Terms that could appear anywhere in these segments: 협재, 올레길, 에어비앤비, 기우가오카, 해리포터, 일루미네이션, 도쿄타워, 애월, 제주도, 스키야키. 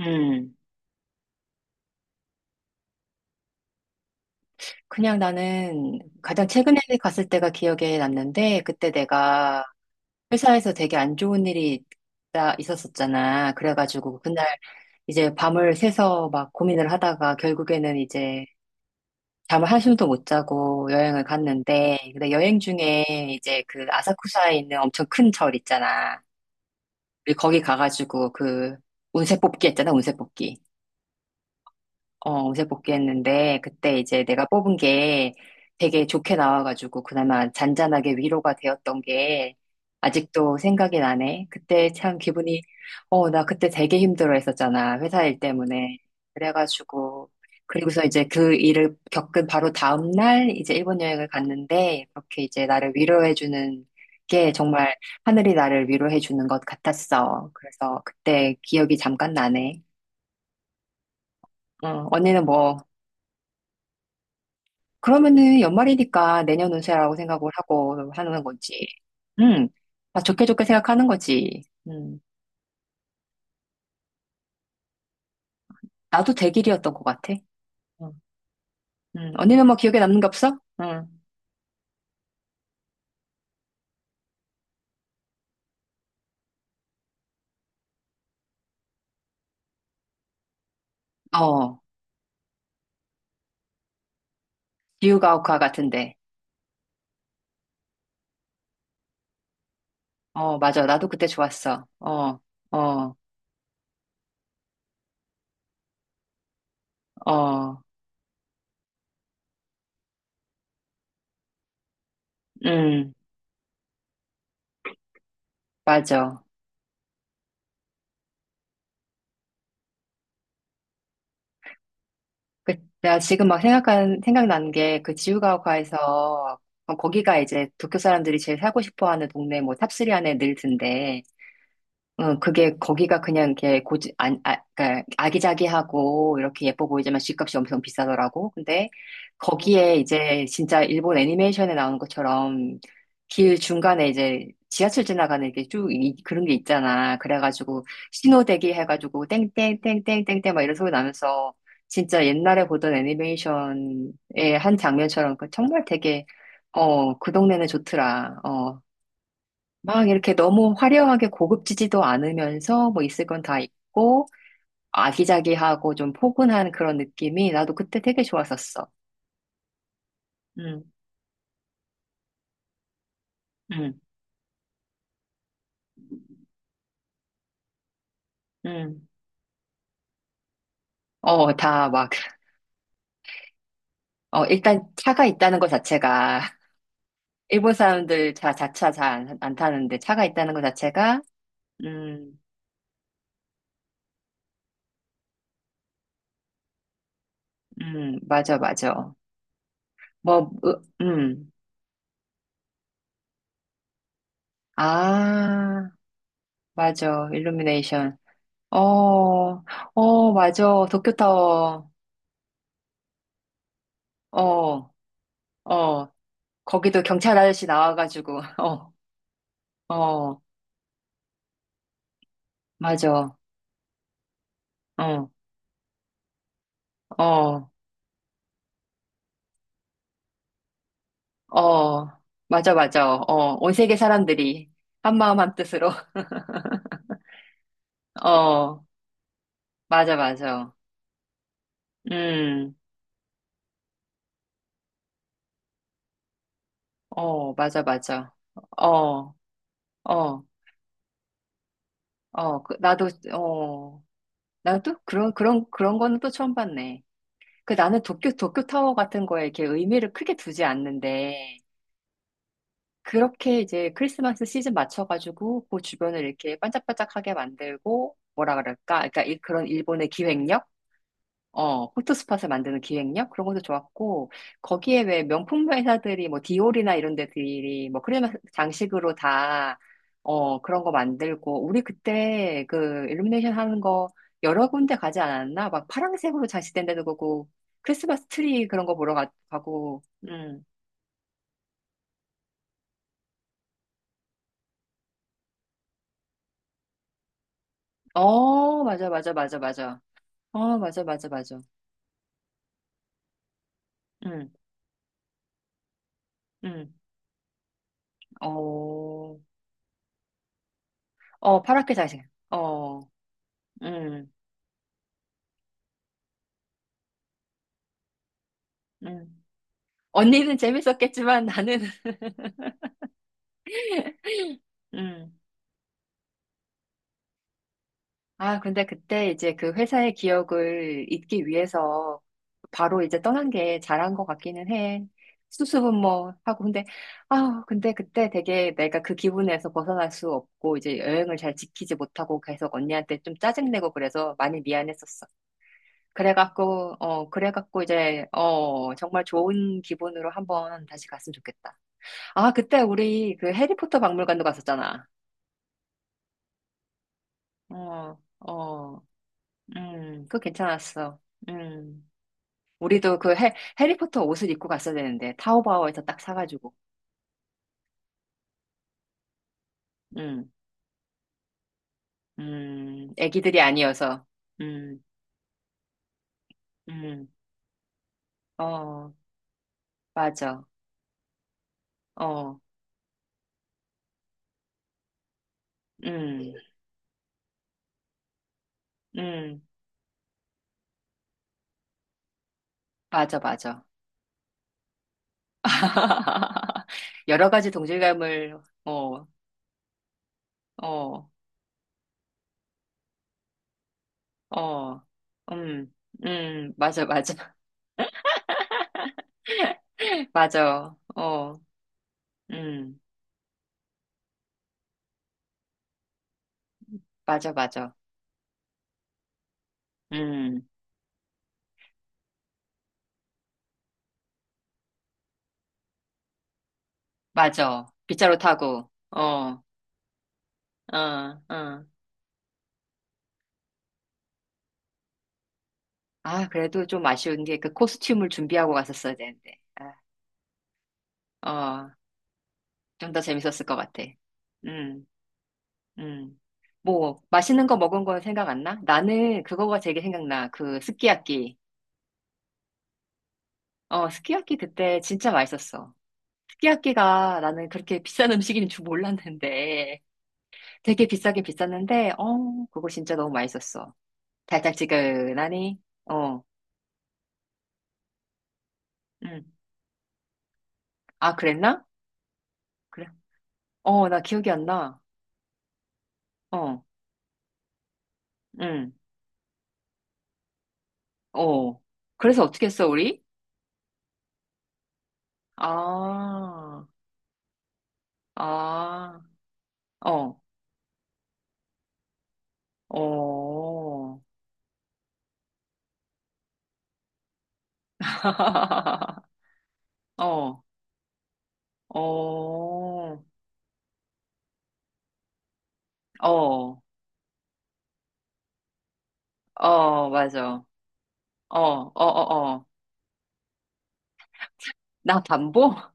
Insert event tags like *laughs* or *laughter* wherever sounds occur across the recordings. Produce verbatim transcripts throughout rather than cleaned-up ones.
음, 그냥 나는 가장 음, 최근에 갔을 때가 기억에 남는데, 그때 내가 회사에서 되게 안 좋은 일이 있다- 있었었잖아. 그래가지고 그날 이제 밤을 새서 막 고민을 하다가 결국에는 이제 잠을 한숨도 못 자고 여행을 갔는데, 근데 여행 중에 이제 그 아사쿠사에 있는 엄청 큰 절 있잖아. 우리 거기 가가지고 그 운세 뽑기 했잖아, 운세 뽑기. 어, 어제 복귀했는데, 그때 이제 내가 뽑은 게 되게 좋게 나와가지고, 그나마 잔잔하게 위로가 되었던 게, 아직도 생각이 나네. 그때 참 기분이, 어, 나 그때 되게 힘들어 했었잖아. 회사 일 때문에. 그래가지고, 그리고서 이제 그 일을 겪은 바로 다음날, 이제 일본 여행을 갔는데, 그렇게 이제 나를 위로해주는 게 정말 하늘이 나를 위로해주는 것 같았어. 그래서 그때 기억이 잠깐 나네. 어, 언니는 뭐, 그러면은 연말이니까 내년 운세라고 생각을 하고 하는 거지. 응. 다 좋게 좋게 생각하는 거지. 응. 나도 대길이었던 것 같아. 응. 응. 언니는 뭐 기억에 남는 게 없어? 응. 어. 기우가오카 같은데. 어, 맞아. 나도 그때 좋았어. 어, 어, 어. 응. 맞아. 그, 내가 지금 막 생각한, 생각난 게 그 지우가오카에서 어, 거기가 이제 도쿄 사람들이 제일 살고 싶어 하는 동네 뭐 탑삼 안에 늘 든대. 응, 그게, 거기가 그냥 이렇게 고지, 안, 아, 그러니까 아기자기하고 이렇게 예뻐 보이지만 집값이 엄청 비싸더라고. 근데 거기에 이제 진짜 일본 애니메이션에 나오는 것처럼 길 중간에 이제 지하철 지나가는 게 쭉 그런 게 있잖아. 그래가지고 신호대기 해가지고 땡땡땡땡땡땡 막 이런 소리 나면서 진짜 옛날에 보던 애니메이션의 한 장면처럼 그 정말 되게 어, 그 동네는 좋더라. 어, 막 이렇게 너무 화려하게 고급지지도 않으면서 뭐 있을 건 다 있고 아기자기하고 좀 포근한 그런 느낌이 나도 그때 되게 좋았었어. 음, 음, 음. 어, 다 막, 어, 일단 차가 있다는 것 자체가 *laughs* 일본 사람들 자, 자차 잘 안 안 타는데 차가 있다는 것 자체가 음, 음, 맞아, 맞아. 뭐, 으, 음. 아, 맞아. 일루미네이션. 어, 어, 맞아. 도쿄타워. 어, 어, 거기도 경찰 아저씨 나와가지고, *laughs* 어, 어, 맞아. 어, 어, 어, 맞아, 맞아. 어, 온 세계 사람들이 한 마음 한 뜻으로, *laughs* 어, 맞아, 맞아. 음, 어, 맞아, 맞아. 어, 어, 어, 그, 나도, 어, 나도 그런, 그런, 그런 거는 또 처음 봤네. 그 나는 도쿄, 도쿄타워 같은 거에 이렇게 의미를 크게 두지 않는데, 그렇게 이제 크리스마스 시즌 맞춰가지고 그 주변을 이렇게 반짝반짝하게 만들고 뭐라 그럴까? 그러니까 이- 그런 일본의 기획력? 어, 포토스팟을 만드는 기획력? 그런 것도 좋았고, 거기에 왜 명품 회사들이 뭐 디올이나 이런 데들이 뭐 크리스마스 장식으로 다, 어, 그런 거 만들고, 우리 그때 그 일루미네이션 하는 거 여러 군데 가지 않았나? 막 파란색으로 장식된 데도 보고, 크리스마스 트리 그런 거 보러 가, 가고, 음. 어, 맞아, 맞아, 맞아, 맞아. 어, 맞아, 맞아, 맞아. 응, 응. 어, 어, 파랗게 자생 어, 응, 응. 언니는 재밌었겠지만 나는, *laughs* 응. 아, 근데 그때 이제 그 회사의 기억을 잊기 위해서 바로 이제 떠난 게 잘한 것 같기는 해. 수수분모 하고. 근데, 아, 근데 그때 되게 내가 그 기분에서 벗어날 수 없고 이제 여행을 잘 지키지 못하고 계속 언니한테 좀 짜증내고 그래서 많이 미안했었어. 그래갖고, 어, 그래갖고 이제, 어, 정말 좋은 기분으로 한번 다시 갔으면 좋겠다. 아, 그때 우리 그 해리포터 박물관도 갔었잖아. 어, 어, 음, 그거 괜찮았어. 음. 우리도 그 해, 해리포터 옷을 입고 갔어야 되는데, 타오바오에서 딱 사가지고. 음, 음, 애기들이 아니어서. 음, 음, 어, 맞아. 어, 음, 음, 맞아, 맞아. *laughs* 여러 가지 동질감을, 어, 어, 어, 음, 음, 맞아, 맞아. *laughs* 맞아, 어, 음, 맞아, 맞아. 음, 맞아. 빗자루 타고, 어, 어, 어. 아, 그래도 좀 아쉬운 게 그 코스튬을 준비하고 갔었어야 되는데. 아, 어, 좀 더 재밌었을 것 같아. 음, 음. 뭐, 맛있는 거 먹은 거 생각 안 나? 나는 그거가 되게 생각나. 그 스키야키. 어, 스키야키 그때 진짜 맛있었어. 스키야키가 나는 그렇게 비싼 음식인 줄 몰랐는데 되게 비싸게 비쌌는데 어 그거 진짜 너무 맛있었어. 달짝지근하니 어 응. 아 그랬나? 그래. 어 나 기억이 안 나. 어 응. 어 그래서 어떻게 했어 우리? 아 아, 어, 어. *laughs* 어, 어, 어, 어, 맞아. 어, 어, 어, 어. 나 반보? *laughs*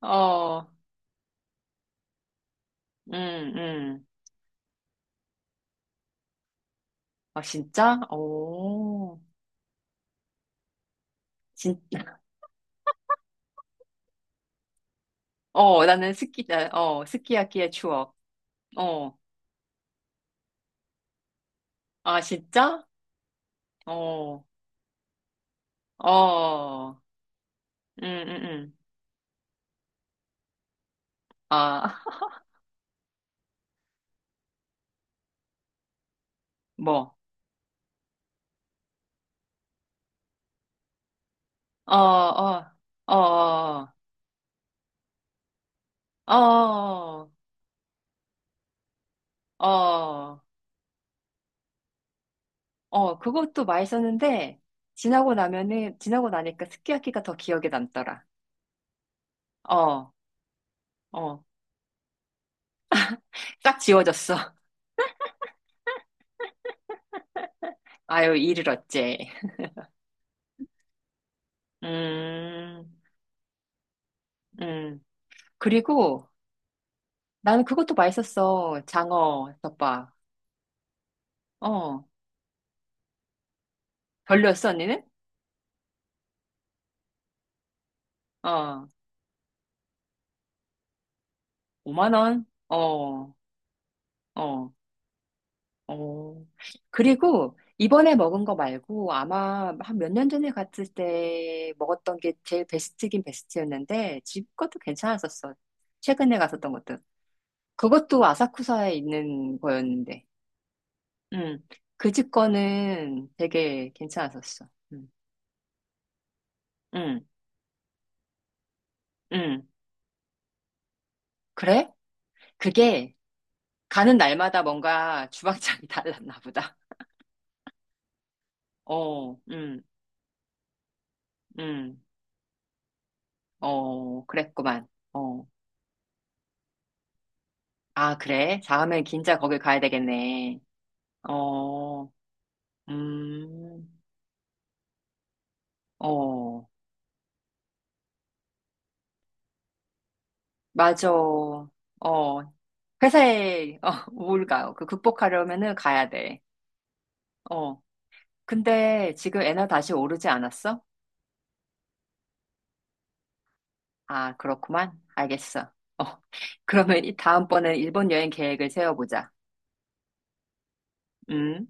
어, 음, 음. 아, 진짜? 오, 진, *laughs* 어, 나는 스키, 나- 어, 스키야키의 추억. 어, 아, 진짜? 어, 어, 음, 음, 음. 아, *laughs* 뭐, 어, 어, 어, 어, 어, 어, 어, 그것도 맛있었는데, 지나고 나면은, 지나고 나니까 스키야키가 더 기억에 남더라. 어, 어, 딱 지워졌어. *laughs* 아유, 이를 어째. 음, 음. 그리고, 나는 그것도 맛있었어. 장어 덮밥. 어. 별로였어, 언니는? 어. 오만 원? 어. 어. 어. 그리고 이번에 먹은 거 말고 아마 한 몇 년 전에 갔을 때 먹었던 게 제일 베스트긴 베스트였는데 집 것도 괜찮았었어. 최근에 갔었던 것도. 그것도 아사쿠사에 있는 거였는데. 음. 그 집 거는 되게 괜찮았었어. 음. 음. 음. 그래? 그게 가는 날마다 뭔가 주방장이 *laughs* 달랐나 보다. 어, 음, 음, 어, 그랬구만. 어, 아, 그래? 다음엔 진짜 거길 가야 되겠네. 어, 음, 어, 맞아. 어, 회사에 어, *laughs* 우울감 그 극복하려면은 가야 돼. 어, 근데 지금 에너 다시 오르지 않았어? 아, 그렇구만. 알겠어. 어, *laughs* 그러면 이 다음번엔 일본 여행 계획을 세워보자. 음.